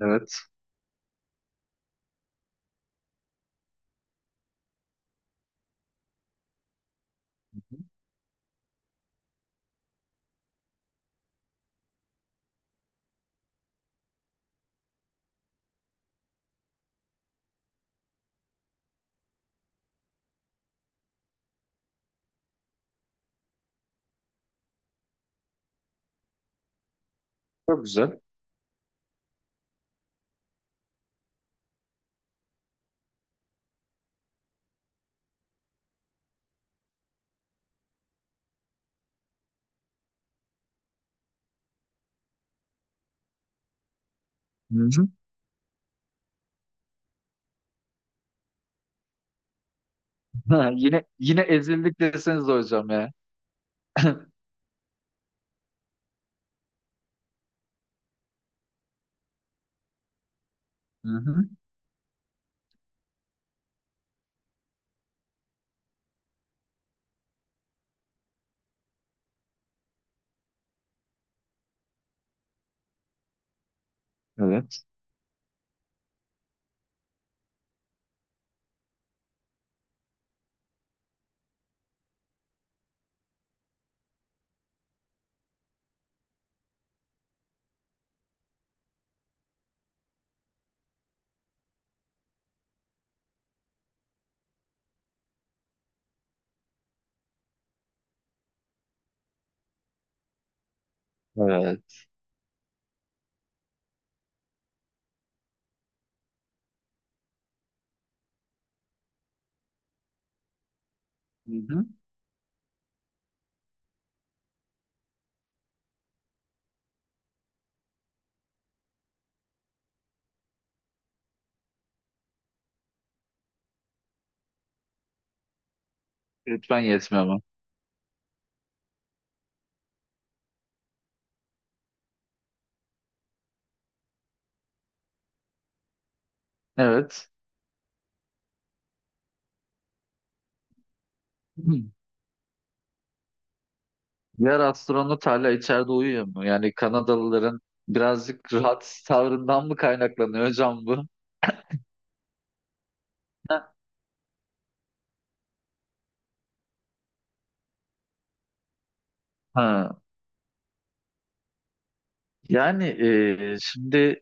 Evet. Hı hı. Çok güzel. Hı hı. Ha, yine ezildik deseniz de hocam ya. Hı hı. Evet. Evet. Hı hı. Lütfen yetmiyor ama. Evet. Hı. Diğer astronot hala içeride uyuyor mu? Yani Kanadalıların birazcık rahat tavrından mı kaynaklanıyor hocam bu? Ha. Ha. Yani şimdi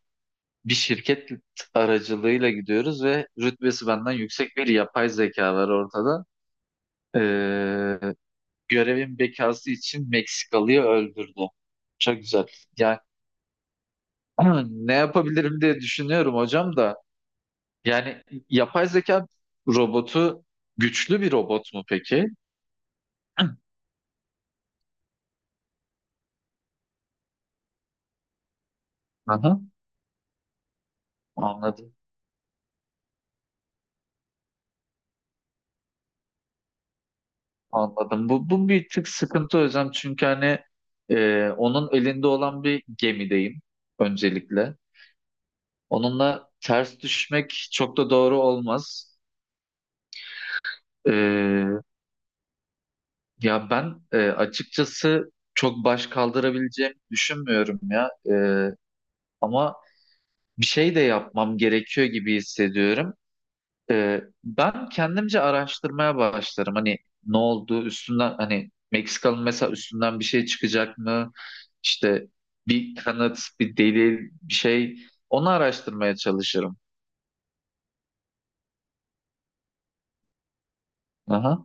bir şirket aracılığıyla gidiyoruz ve rütbesi benden yüksek bir yapay zeka var ortada. Görevin bekası için Meksikalı'yı öldürdü. Çok güzel. Yani ne yapabilirim diye düşünüyorum hocam da. Yani yapay zeka robotu güçlü bir robot mu peki? Aha, anladım. Anladım. Bu bir tık sıkıntı hocam. Çünkü hani onun elinde olan bir gemideyim öncelikle. Onunla ters düşmek çok da doğru olmaz. E, Ya ben açıkçası çok baş kaldırabileceğimi düşünmüyorum ya. Ama bir şey de yapmam gerekiyor gibi hissediyorum. Ben kendimce araştırmaya başlarım. Hani ne oldu üstünden hani Meksikalı mesela üstünden bir şey çıkacak mı? İşte bir kanıt, bir delil, bir şey onu araştırmaya çalışırım. Aha.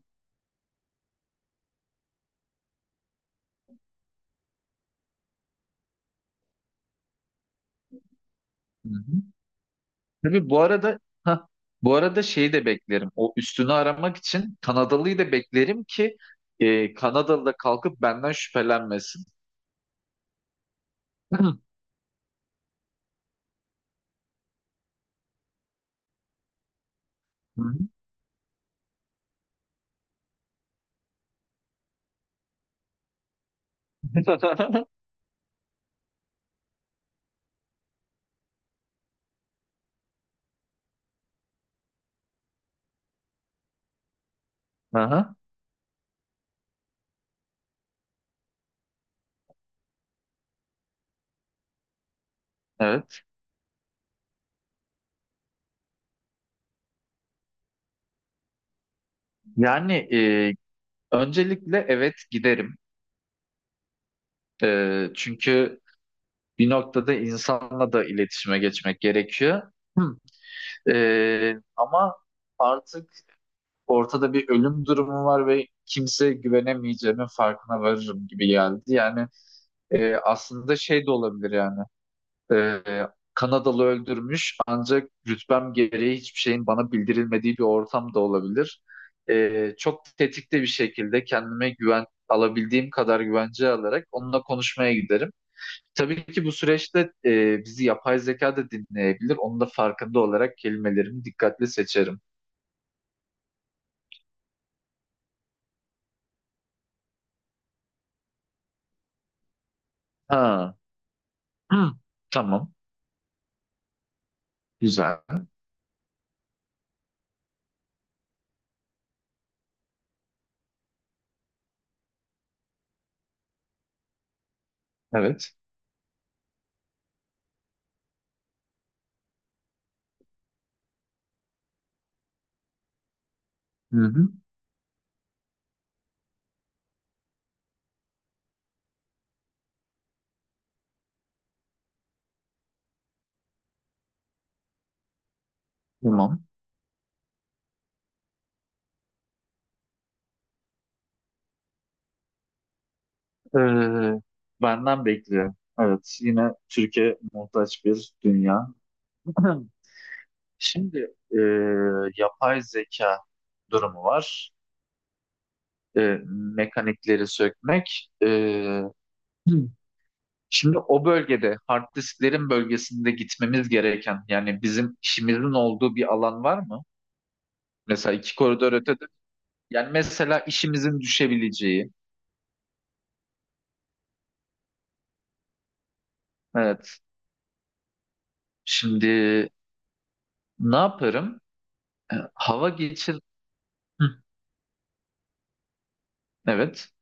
Tabii bu arada ha bu arada şeyi de beklerim. O üstünü aramak için Kanadalıyı da beklerim ki Kanadalı da kalkıp benden şüphelenmesin. Hı hı. Aha, evet. Yani öncelikle evet giderim. Çünkü bir noktada insanla da iletişime geçmek gerekiyor. Hı. Ama artık ortada bir ölüm durumu var ve kimse güvenemeyeceğimin farkına varırım gibi geldi. Yani aslında şey de olabilir yani. E, Kanadalı öldürmüş ancak rütbem gereği hiçbir şeyin bana bildirilmediği bir ortam da olabilir. Çok tetikte bir şekilde kendime güven alabildiğim kadar güvence alarak onunla konuşmaya giderim. Tabii ki bu süreçte bizi yapay zeka da dinleyebilir. Onun da farkında olarak kelimelerimi dikkatli seçerim. Ha. Hı. Tamam. Güzel. Evet. Hı hı. Tamam. Ee, benden bekliyor. Evet, yine Türkiye muhtaç bir dünya. Şimdi e, yapay zeka durumu var. E, mekanikleri sökmek. Şimdi o bölgede, hard disklerin bölgesinde gitmemiz gereken, yani bizim işimizin olduğu bir alan var mı? Mesela iki koridor ötede. Yani mesela işimizin düşebileceği. Evet. Şimdi ne yaparım? Hava geçir. Hı, Evet.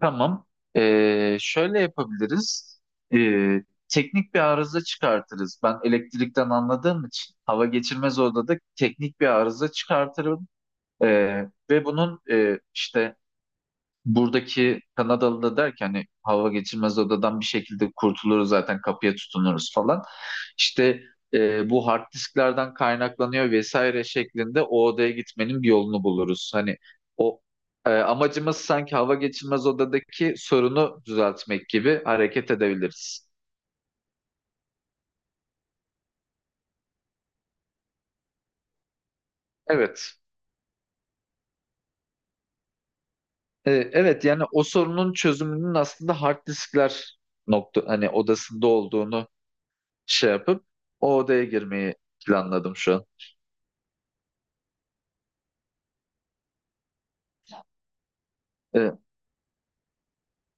Tamam. Şöyle yapabiliriz. Ee, teknik bir arıza çıkartırız. Ben elektrikten anladığım için hava geçirmez odada teknik bir arıza çıkartırım. Ve bunun işte buradaki Kanadalı da der ki hani hava geçirmez odadan bir şekilde kurtuluruz zaten kapıya tutunuruz falan. İşte bu hard disklerden kaynaklanıyor vesaire şeklinde o odaya gitmenin bir yolunu buluruz. Hani o amacımız sanki hava geçirmez odadaki sorunu düzeltmek gibi hareket edebiliriz. Evet. Evet yani o sorunun çözümünün aslında hard diskler nokta hani odasında olduğunu şey yapıp o odaya girmeyi planladım şu an. E,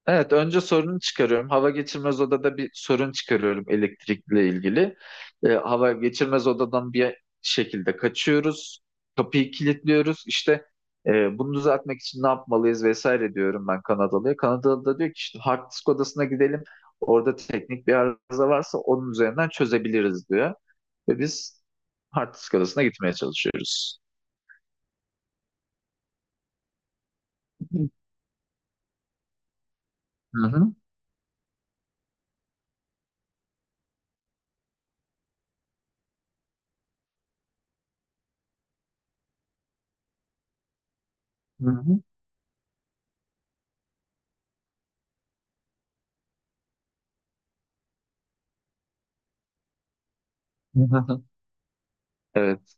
Evet, önce sorunu çıkarıyorum. Hava geçirmez odada bir sorun çıkarıyorum elektrikle ilgili. Hava geçirmez odadan bir şekilde kaçıyoruz. Kapıyı kilitliyoruz. İşte bunu düzeltmek için ne yapmalıyız vesaire diyorum ben Kanadalı'ya. Kanadalı da diyor ki işte hard disk odasına gidelim. Orada teknik bir arıza varsa onun üzerinden çözebiliriz diyor. Ve biz hard disk odasına gitmeye çalışıyoruz. Hı hı. Hı hı. Hı hı. Evet.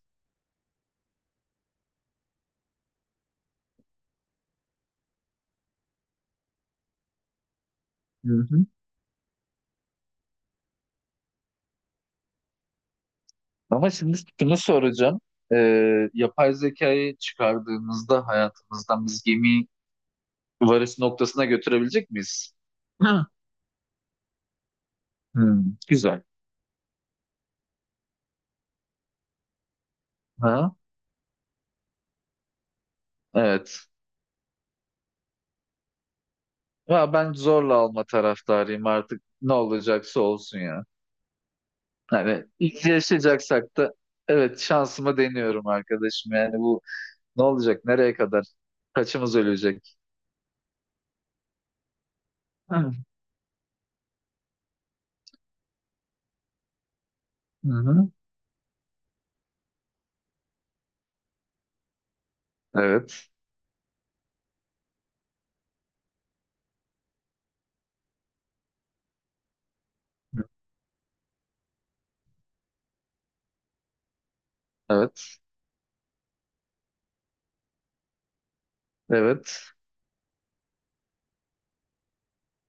Ama şimdi şunu soracağım. Yapay zekayı çıkardığımızda hayatımızdan biz gemi varış noktasına götürebilecek miyiz? Ha. Hmm, güzel. Ha, evet. Ya ben zorla alma taraftarıyım artık. Ne olacaksa olsun ya. Yani yaşayacaksak da evet şansımı deniyorum arkadaşım. Yani bu ne olacak? Nereye kadar? Kaçımız ölecek? Hı hı. Evet. Evet. Evet.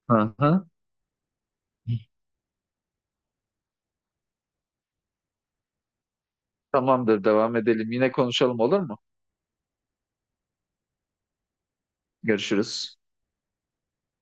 Hı hı. Tamamdır, devam edelim. Yine konuşalım olur mu? Görüşürüz.